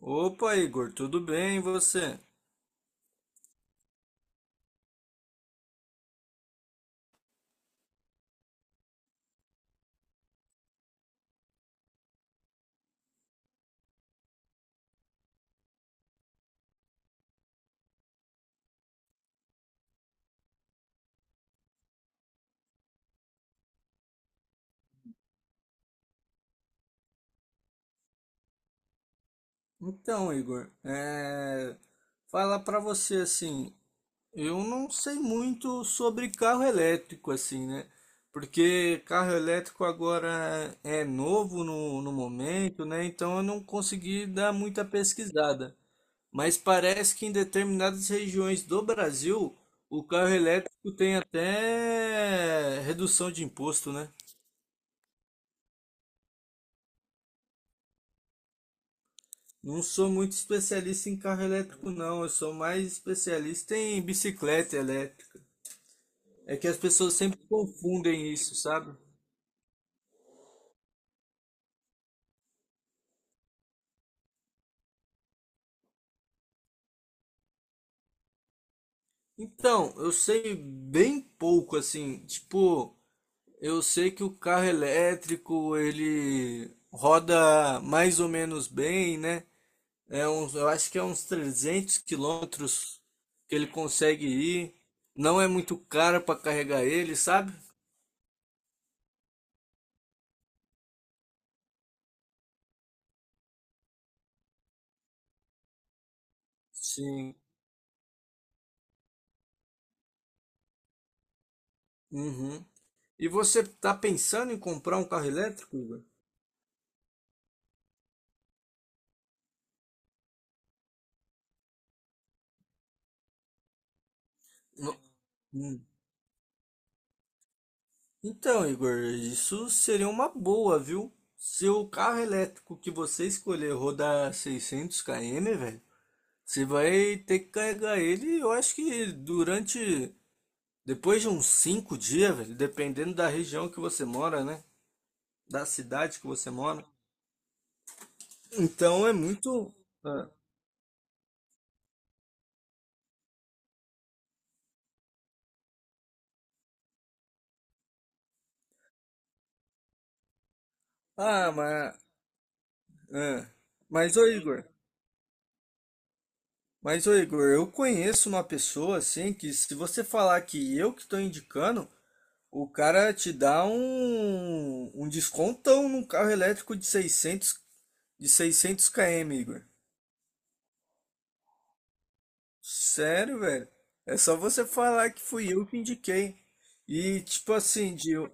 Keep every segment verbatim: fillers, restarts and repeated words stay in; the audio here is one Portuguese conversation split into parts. Opa, Igor, tudo bem e você? Então, Igor, é... falar para você assim, eu não sei muito sobre carro elétrico assim, né? Porque carro elétrico agora é é novo no, no momento, né? Então eu não consegui dar muita pesquisada. Mas parece que em determinadas regiões do Brasil, o carro elétrico tem até redução de imposto, né? Não sou muito especialista em carro elétrico, não. Eu sou mais especialista em bicicleta elétrica. É que as pessoas sempre confundem isso, sabe? Então, eu sei bem pouco, assim. Tipo, eu sei que o carro elétrico ele roda mais ou menos bem, né? É uns, eu acho que é uns trezentos quilômetros que ele consegue ir. Não é muito caro para carregar ele, sabe? Sim. Uhum. E você está pensando em comprar um carro elétrico, Igor? No- hum. Então, Igor, isso seria uma boa, viu? Se o carro elétrico que você escolher rodar seiscentos quilômetros, velho, você vai ter que carregar ele, eu acho que durante, depois de uns cinco dias, velho, dependendo da região que você mora, né? Da cidade que você mora. Então é muito. Ah, ah, mas. Ah. Mas, ô Igor. Mas, ô Igor, eu conheço uma pessoa assim que se você falar que eu que estou indicando, o cara te dá um, um descontão num carro elétrico de seiscentos de seiscentos km, Igor. Sério, velho. É só você falar que fui eu que indiquei. E tipo assim, de, eu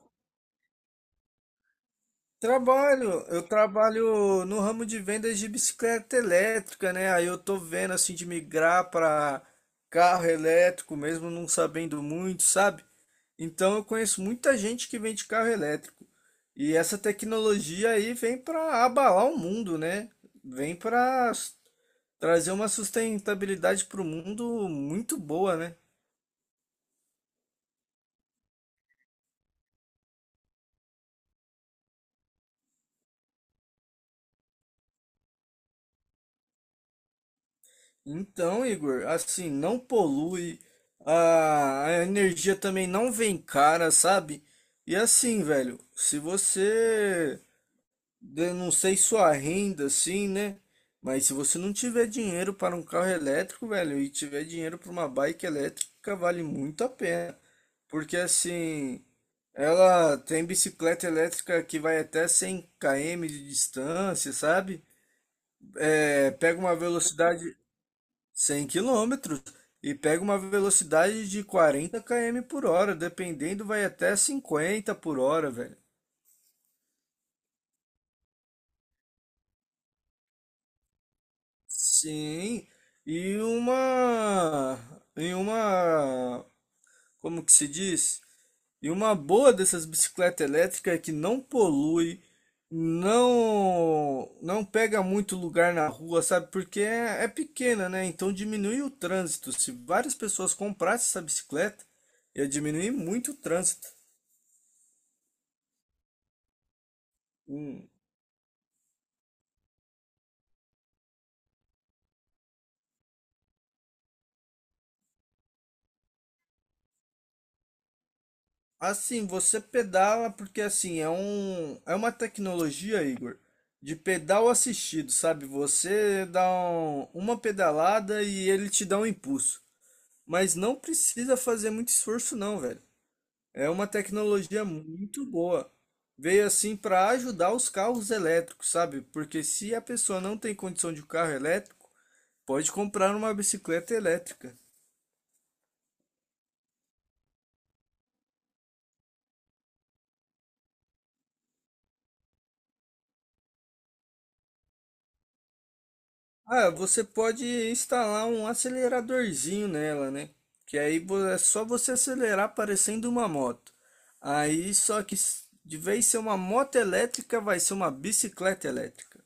trabalho, eu trabalho no ramo de vendas de bicicleta elétrica, né? Aí eu tô vendo, assim, de migrar para carro elétrico, mesmo não sabendo muito, sabe? Então eu conheço muita gente que vende carro elétrico. E essa tecnologia aí vem para abalar o mundo, né? Vem para trazer uma sustentabilidade para o mundo muito boa, né? Então, Igor, assim, não polui, a, a energia também não vem cara, sabe? E assim, velho, se você eu não sei sua renda assim, né? Mas se você não tiver dinheiro para um carro elétrico, velho, e tiver dinheiro para uma bike elétrica, vale muito a pena. Porque assim, ela tem bicicleta elétrica que vai até cem quilômetros de distância, sabe? É, pega uma velocidade cem quilômetros e pega uma velocidade de quarenta quilômetros por hora, dependendo, vai até cinquenta por hora, velho. Sim, e uma, e uma, como que se diz? E uma boa dessas bicicletas elétricas é que não polui, não, não pega muito lugar na rua, sabe? Porque é, é pequena, né? Então diminui o trânsito. Se várias pessoas comprassem essa bicicleta, ia diminuir muito o trânsito. Hum. Assim, você pedala porque assim, é um é uma tecnologia, Igor, de pedal assistido, sabe? Você dá um- uma pedalada e ele te dá um impulso, mas não precisa fazer muito esforço não, velho. É uma tecnologia muito boa. Veio assim para ajudar os carros elétricos, sabe? Porque se a pessoa não tem condição de um carro elétrico, pode comprar uma bicicleta elétrica. Ah, você pode instalar um aceleradorzinho nela, né? Que aí vo- é só você acelerar parecendo uma moto. Aí só que s- de vez de ser uma moto elétrica, vai ser uma bicicleta elétrica.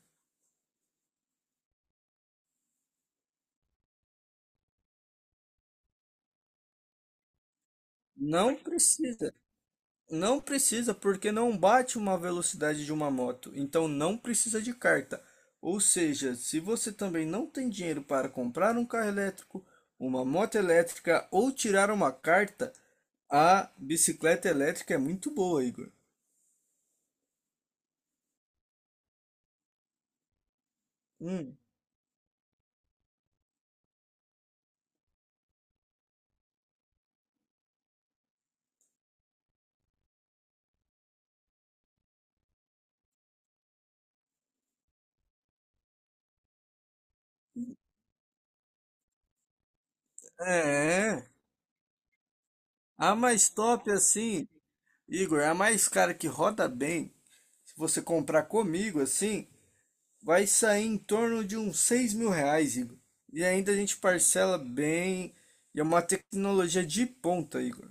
Não precisa. Não precisa, porque não bate uma velocidade de uma moto, então não precisa de carta. Ou seja, se você também não tem dinheiro para comprar um carro elétrico, uma moto elétrica ou tirar uma carta, a bicicleta elétrica é muito boa, Igor. Hum. É, a mais top assim, Igor, a mais cara que roda bem, se você comprar comigo assim, vai sair em torno de uns seis mil reais, Igor. E ainda a gente parcela bem. E é uma tecnologia de ponta, Igor.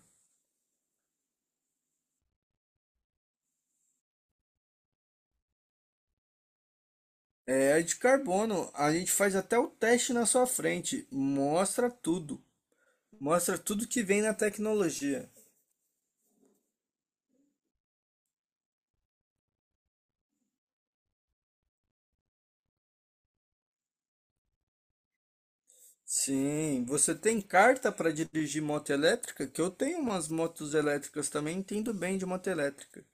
É a de carbono. A gente faz até o teste na sua frente. Mostra tudo. Mostra tudo que vem na tecnologia. Sim, você tem carta para dirigir moto elétrica? Que eu tenho umas motos elétricas também, entendo bem de moto elétrica.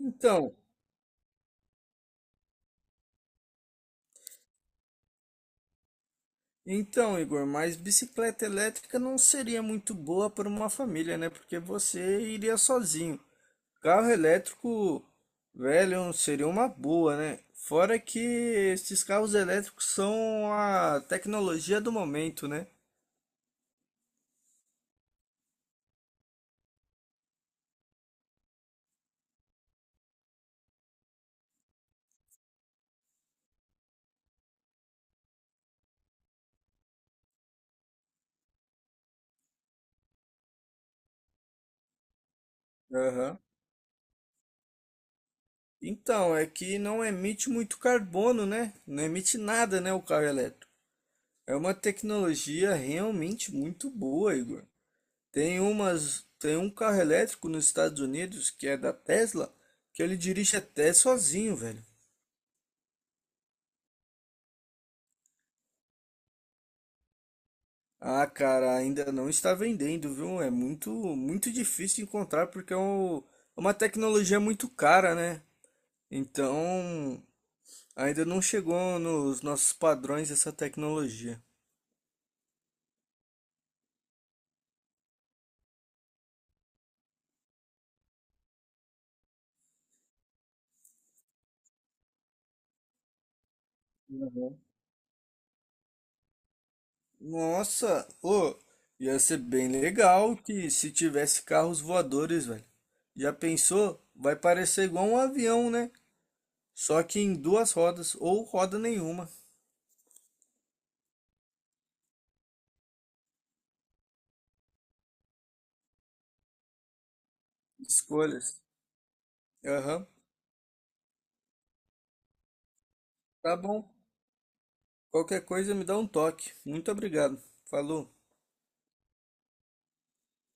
Então, Então, Igor, mas bicicleta elétrica não seria muito boa para uma família, né? Porque você iria sozinho. Carro elétrico, velho, seria uma boa, né? Fora que esses carros elétricos são a tecnologia do momento, né? Aham. Então, é que não emite muito carbono, né? Não emite nada, né, o carro elétrico. É uma tecnologia realmente muito boa, Igor. Tem umas, tem um carro elétrico nos Estados Unidos que é da Tesla, que ele dirige até sozinho, velho. Ah, cara, ainda não está vendendo, viu? É muito, muito difícil encontrar porque é um- é uma tecnologia muito cara, né? Então, ainda não chegou nos nossos padrões essa tecnologia. Uhum. Nossa, ô, ia ser bem legal que se tivesse carros voadores, velho. Já pensou? Vai parecer igual um avião, né? Só que em duas rodas ou roda nenhuma. Escolhas. Aham. Tá bom. Qualquer coisa me dá um toque. Muito obrigado. Falou.